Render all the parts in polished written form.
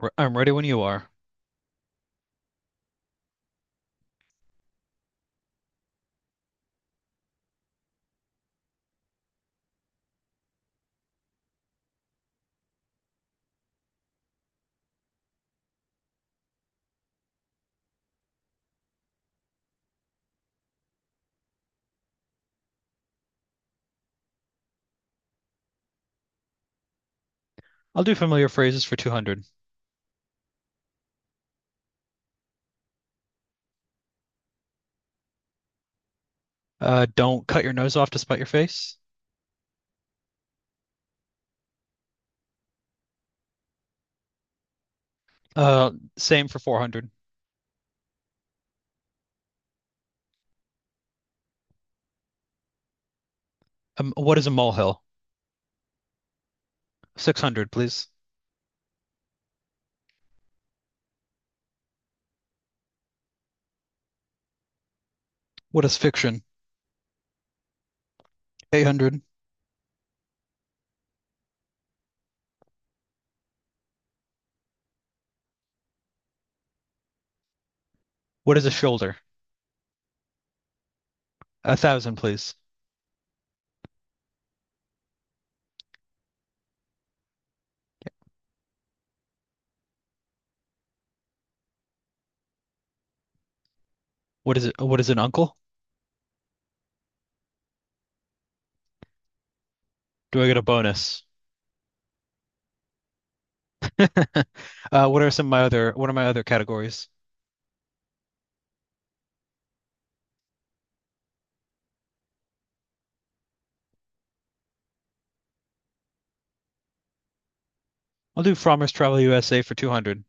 I'm ready when you are. I'll do familiar phrases for 200. Don't cut your nose off to spite your face. Uh, same for 400. What is a molehill? 600, please. What is fiction? 800. What is a shoulder? A thousand, please. What is it? What is an uncle? Do I get a bonus? What are some of my other what are my other categories? I'll do Frommer's Travel USA for 200.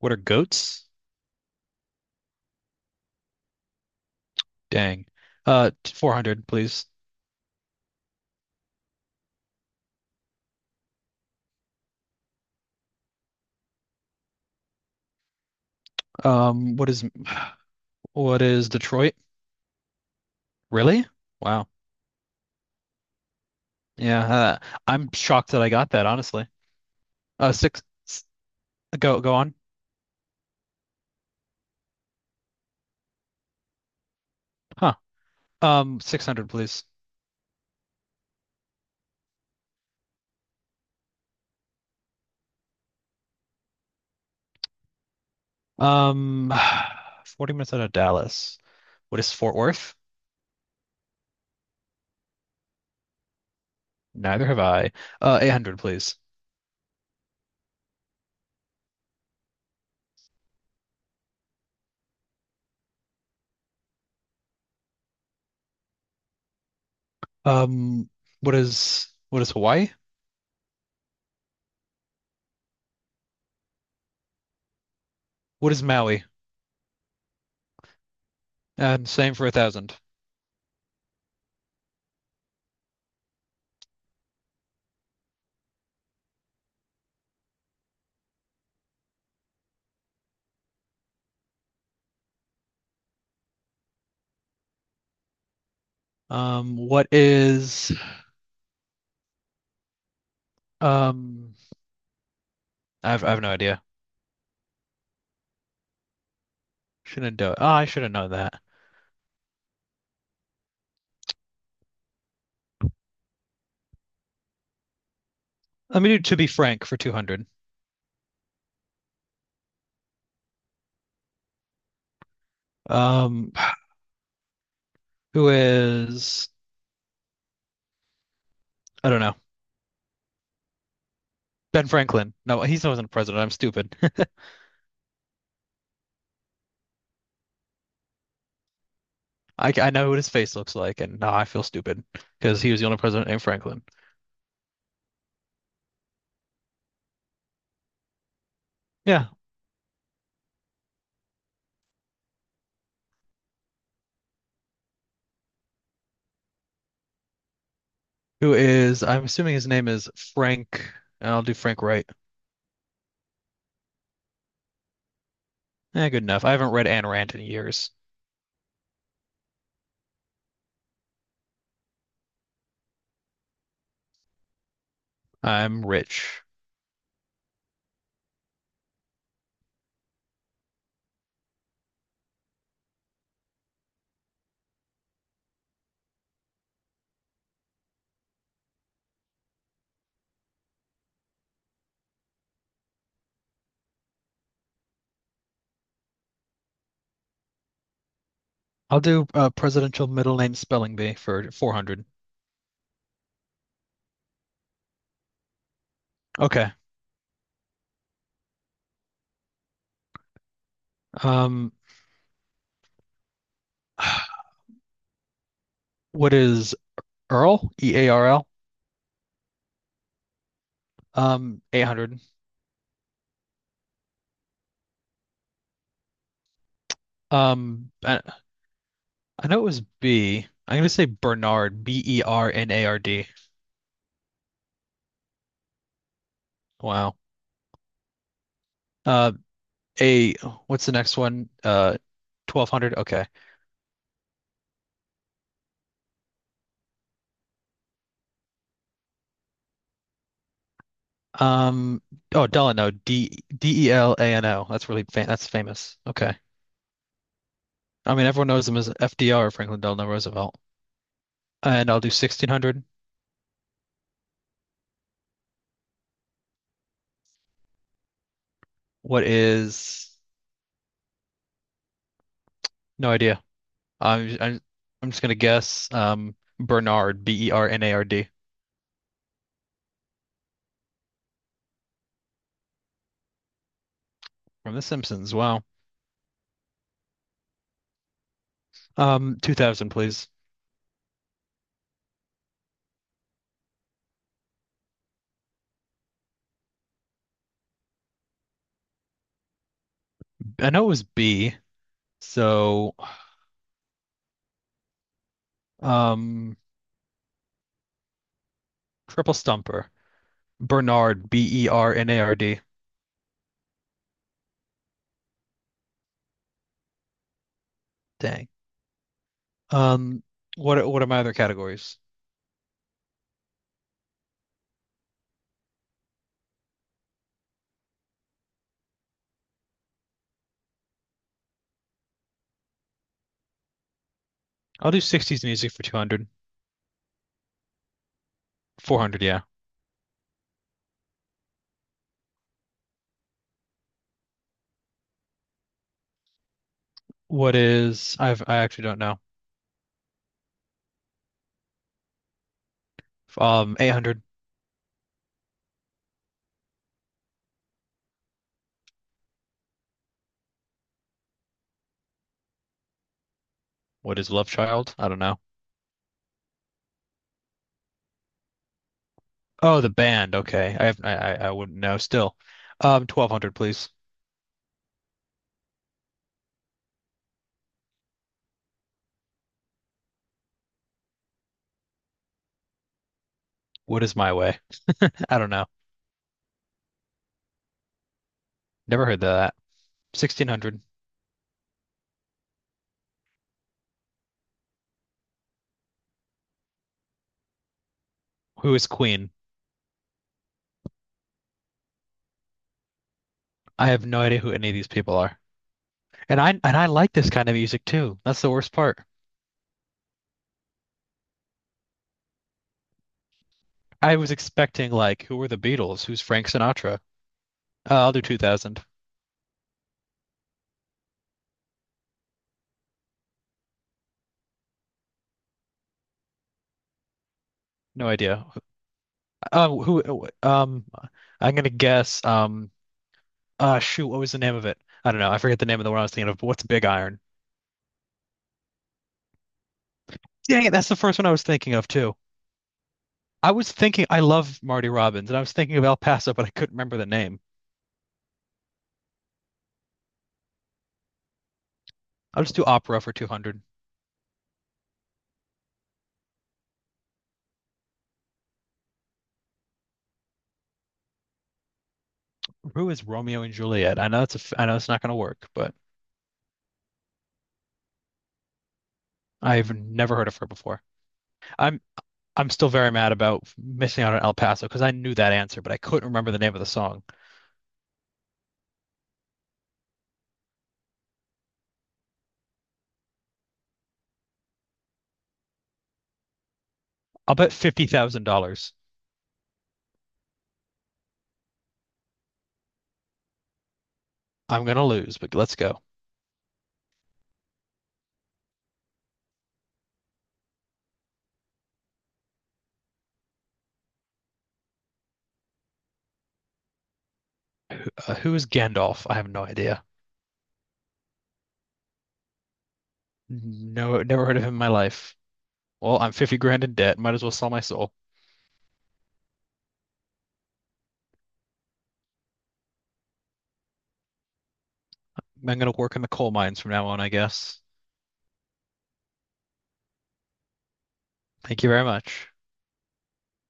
What are goats? Dang. 400, please. Um, what is what is Detroit? Really? Wow. Yeah, uh, I'm shocked that I got that, honestly. Uh, six, s- go on. Huh. 600, please. Um, 40 minutes out of Dallas. What is Fort Worth? Neither have I. 800, please. Um, what is Hawaii? What is Maui? And same for a thousand. What is um? I have no idea. Shouldn't do it. Oh, I should have known that. Let me do to be frank for 200. Um, who is I don't know. Ben Franklin. No, he wasn't president. I'm stupid. I know what his face looks like, and now I feel stupid because he was the only president named Franklin. Yeah, who is? I'm assuming his name is Frank, and I'll do Frank Wright. Yeah, good enough. I haven't read Ayn Rand in years. I'm rich. I'll do presidential middle name spelling bee for 400. Okay. Um, what is Earl? E A R L. 800. Um, I, I know it was B. I'm gonna say Bernard. B E R N A R D. Wow. Uh, a what's the next one? 1200. Okay. Um, oh, Delano, D E L A N O. That's really fa That's famous. Okay. I mean, everyone knows him as FDR, Franklin Delano Roosevelt. And I'll do 1600. What is no idea. I'm I'm, I'm just gonna guess. Bernard, B E R N A R D from The Simpsons. Wow. 2000, please. I know it was B. So, um, Triple stumper. Bernard, B E R N A R D. Dang. Um, what are my other categories? I'll do 60s music for 200. 400, yeah. What is I actually don't know. 800. What is Love Child? I don't know. Oh, the band. Okay. I have I wouldn't know still. 1200, please. What is My Way? I don't know. Never heard of that. 1600. Who is Queen? I have no idea who any of these people are. And I like this kind of music too. That's the worst part. I was expecting like who were the Beatles? Who's Frank Sinatra? I'll do 2000. No idea. Who? Um, I'm gonna guess. Shoot, what was the name of it? I don't know. I forget the name of the one I was thinking of. But what's Big Iron? Dang it, that's the first one I was thinking of too. I was thinking I love Marty Robbins, and I was thinking of El Paso, but I couldn't remember the name. I'll just do opera for 200. Who is Romeo and Juliet? I know it's not gonna work, but I've never heard of her before. I'm I'm still very mad about missing out on El Paso because I knew that answer, but I couldn't remember the name of the song. I'll bet $50,000. I'm gonna lose, but let's go. Who is Gandalf? I have no idea. No, never heard of him in my life. Well, I'm 50 grand in debt. Might as well sell my soul. I'm gonna work in the coal mines from now on, I guess. Thank you very much.